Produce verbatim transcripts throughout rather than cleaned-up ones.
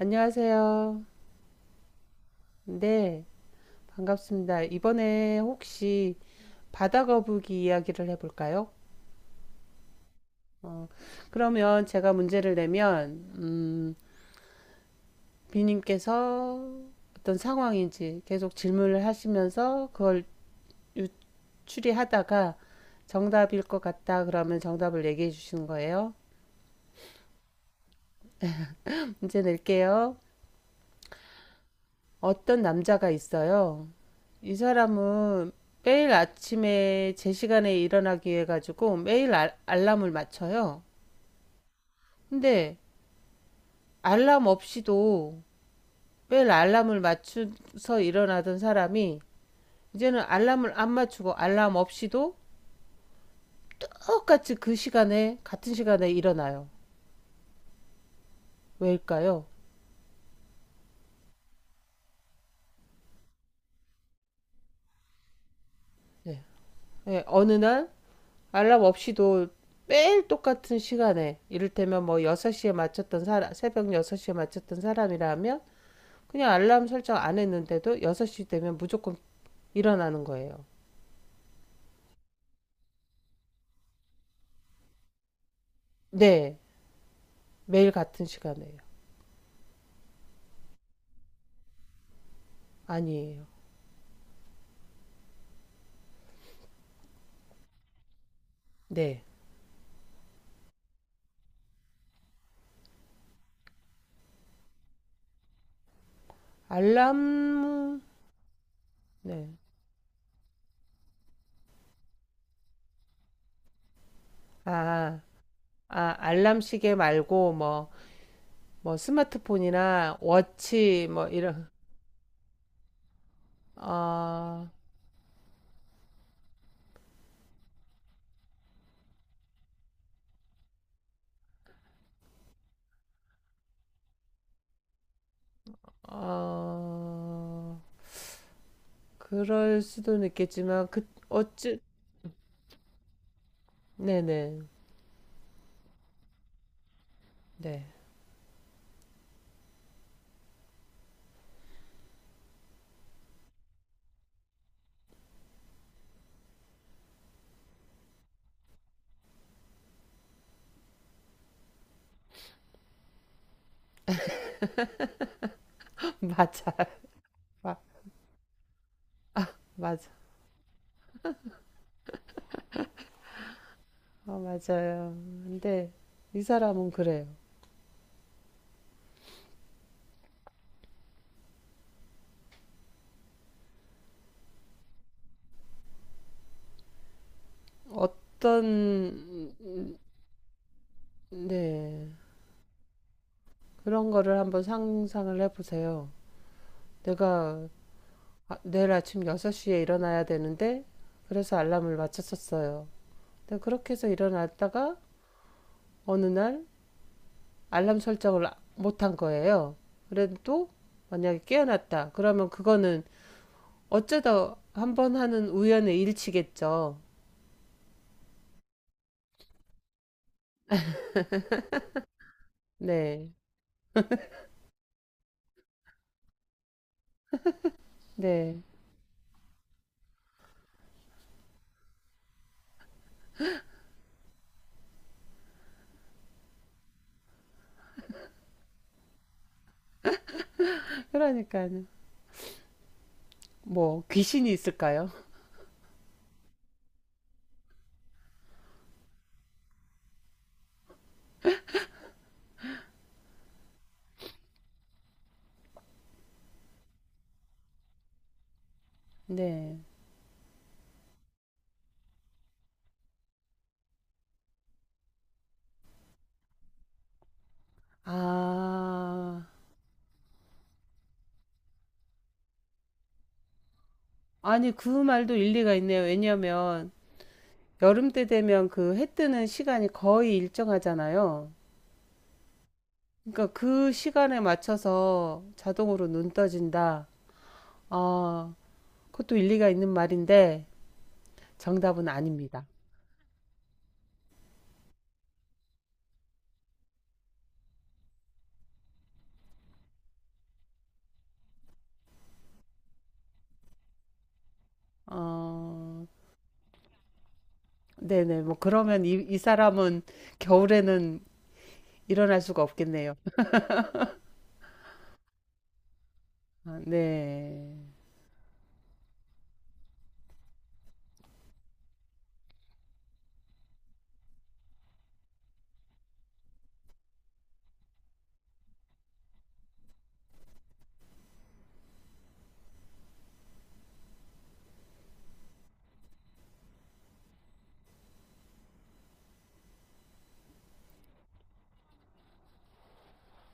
안녕하세요. 네, 반갑습니다. 이번에 혹시 바다 거북이 이야기를 해볼까요? 어, 그러면 제가 문제를 내면, 음, 비님께서 어떤 상황인지 계속 질문을 하시면서 그걸 추리하다가 정답일 것 같다 그러면 정답을 얘기해 주시는 거예요. 문제 낼게요. 어떤 남자가 있어요. 이 사람은 매일 아침에 제 시간에 일어나기 위해 가지고 매일 알, 알람을 맞춰요. 근데 알람 없이도 매일 알람을 맞춰서 일어나던 사람이 이제는 알람을 안 맞추고 알람 없이도 똑같이 그 시간에 같은 시간에 일어나요. 왜일까요? 네. 네, 어느 날 알람 없이도 매일 똑같은 시간에 이를테면 뭐 여섯 시에 맞췄던 사람, 새벽 여섯 시에 맞췄던 사람이라면 그냥 알람 설정 안 했는데도 여섯 시 되면 무조건 일어나는 거예요. 네. 매일 같은 시간에요. 아니에요. 네. 알람, 네. 아, 아, 알람 시계 말고 뭐, 뭐 스마트폰이나 워치 뭐 이런, 어, 어, 그럴 수도 있겠지만, 그, 어찌, 네네. 네. 맞아. 마- 맞아. 어, 맞아요. 근데 이 사람은 그래요. 어떤, 네, 그런 거를 한번 상상을 해보세요. 내가 아- 내일 아침 여섯 시에 일어나야 되는데, 그래서 알람을 맞췄었어요. 근데 그렇게 해서 일어났다가 어느 날 알람 설정을 아- 못한 거예요. 그래도 만약에 깨어났다. 그러면 그거는 어쩌다 한번 하는 우연의 일치겠죠. 네, 네. 그러니까요. 뭐, 귀신이 있을까요? 네. 아, 아니, 그 말도 일리가 있네요. 왜냐면 여름 때 되면 그 해 뜨는 시간이 거의 일정하잖아요. 그러니까 그 시간에 맞춰서 자동으로 눈 떠진다. 어, 그것도 일리가 있는 말인데 정답은 아닙니다. 어, 네네. 뭐 그러면 이, 이 사람은 겨울에는 일어날 수가 없겠네요. 아, 네.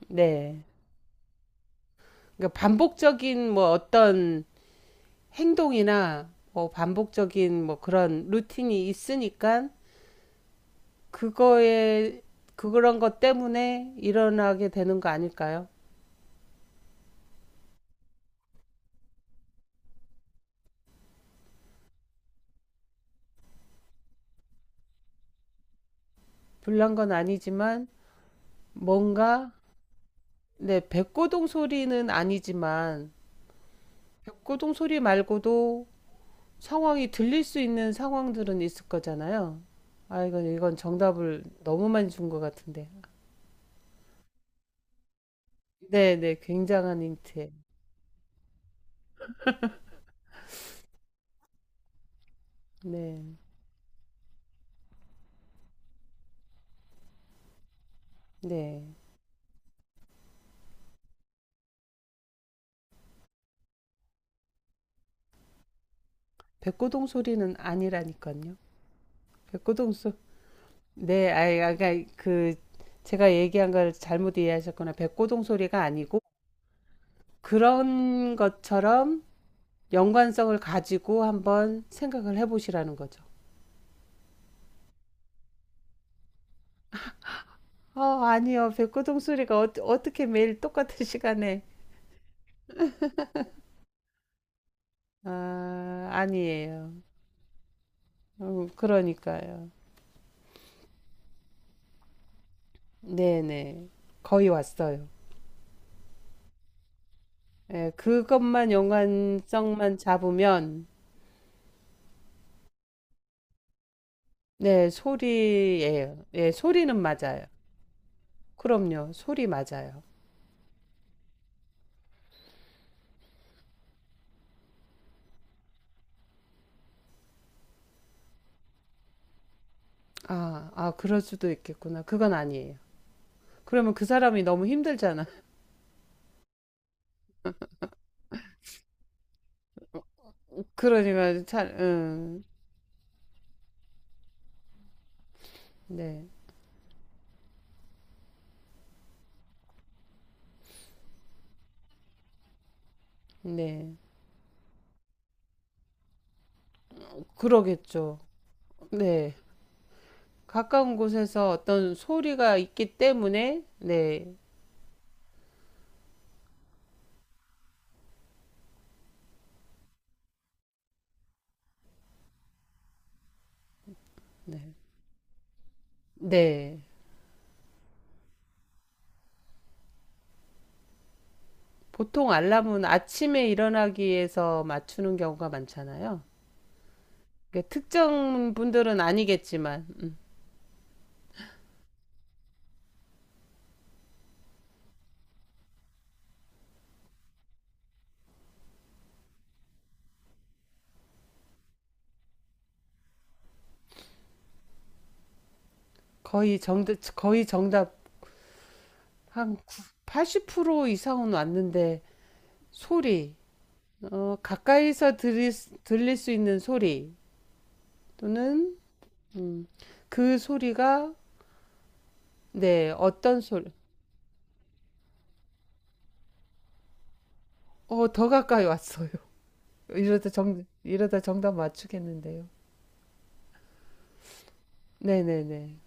네. 그러니까 반복적인 뭐 어떤 행동이나 뭐 반복적인 뭐 그런 루틴이 있으니까 그거에 그런 것 때문에 일어나게 되는 거 아닐까요? 불난 건 아니지만 뭔가 네, 백고동 소리는 아니지만 백고동 소리 말고도 상황이 들릴 수 있는 상황들은 있을 거잖아요. 아, 이건 이건 정답을 너무 많이 준 것 같은데. 네, 네, 굉장한 힌트. 네, 네. 백고동 소리는 아니라니까요. 백고동 소 네, 아이, 까그 제가 얘기한 걸 잘못 이해하셨거나 백고동 소리가 아니고 그런 것처럼 연관성을 가지고 한번 생각을 해보시라는 거죠. 어, 아니요. 백고동 소리가 어, 어떻게 매일 똑같은 시간에 아, 아니에요. 어, 그러니까요. 네네. 거의 왔어요. 예, 그것만 연관성만 잡으면 네, 소리예요. 예, 소리는 맞아요. 그럼요. 소리 맞아요. 아, 아, 그럴 수도 있겠구나. 그건 아니에요. 그러면 그 사람이 너무 힘들잖아. 그러니까 잘, 음, 네, 네, 그러겠죠. 네, 가까운 곳에서 어떤 소리가 있기 때문에, 네, 네. 보통 알람은 아침에 일어나기 위해서 맞추는 경우가 많잖아요. 그러니까 특정 분들은 아니겠지만 거의 정답, 거의 정답 한 팔십 프로 이상은 왔는데 소리. 어, 가까이서 들릴, 수- 들릴 수 있는 소리 또는 음, 그 소리가 네, 어떤 소리? 어, 더 가까이 왔어요. 이러다 정, 이러다 정답 맞추겠는데요. 네네네.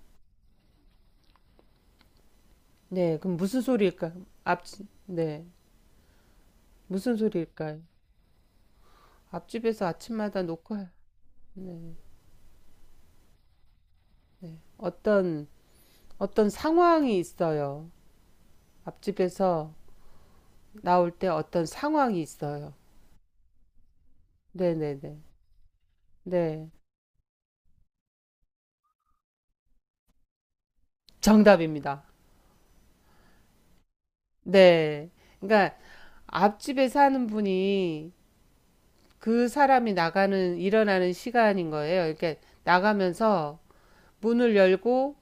네, 그럼 무슨 소리일까요? 앞, 네, 무슨 소리일까요? 앞집에서 아침마다 놓고 할- 어떤 어떤 상황이 있어요. 앞집에서 나올 때 어떤 상황이 있어요. 네네네. 네, 정답입니다. 네. 그러니까 앞집에 사는 분이 그 사람이 나가는 일어나는 시간인 거예요. 이렇게 나가면서 문을 열고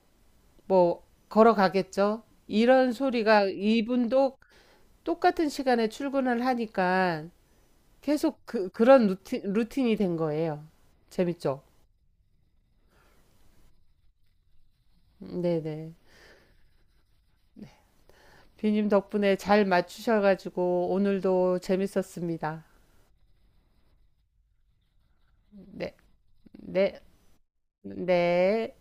뭐 걸어가겠죠. 이런 소리가 이분도 똑같은 시간에 출근을 하니까 계속 그, 그런 루틴, 루틴이 된 거예요. 재밌죠? 네네. 비님 덕분에 잘 맞추셔가지고 오늘도 재밌었습니다. 네, 네, 네.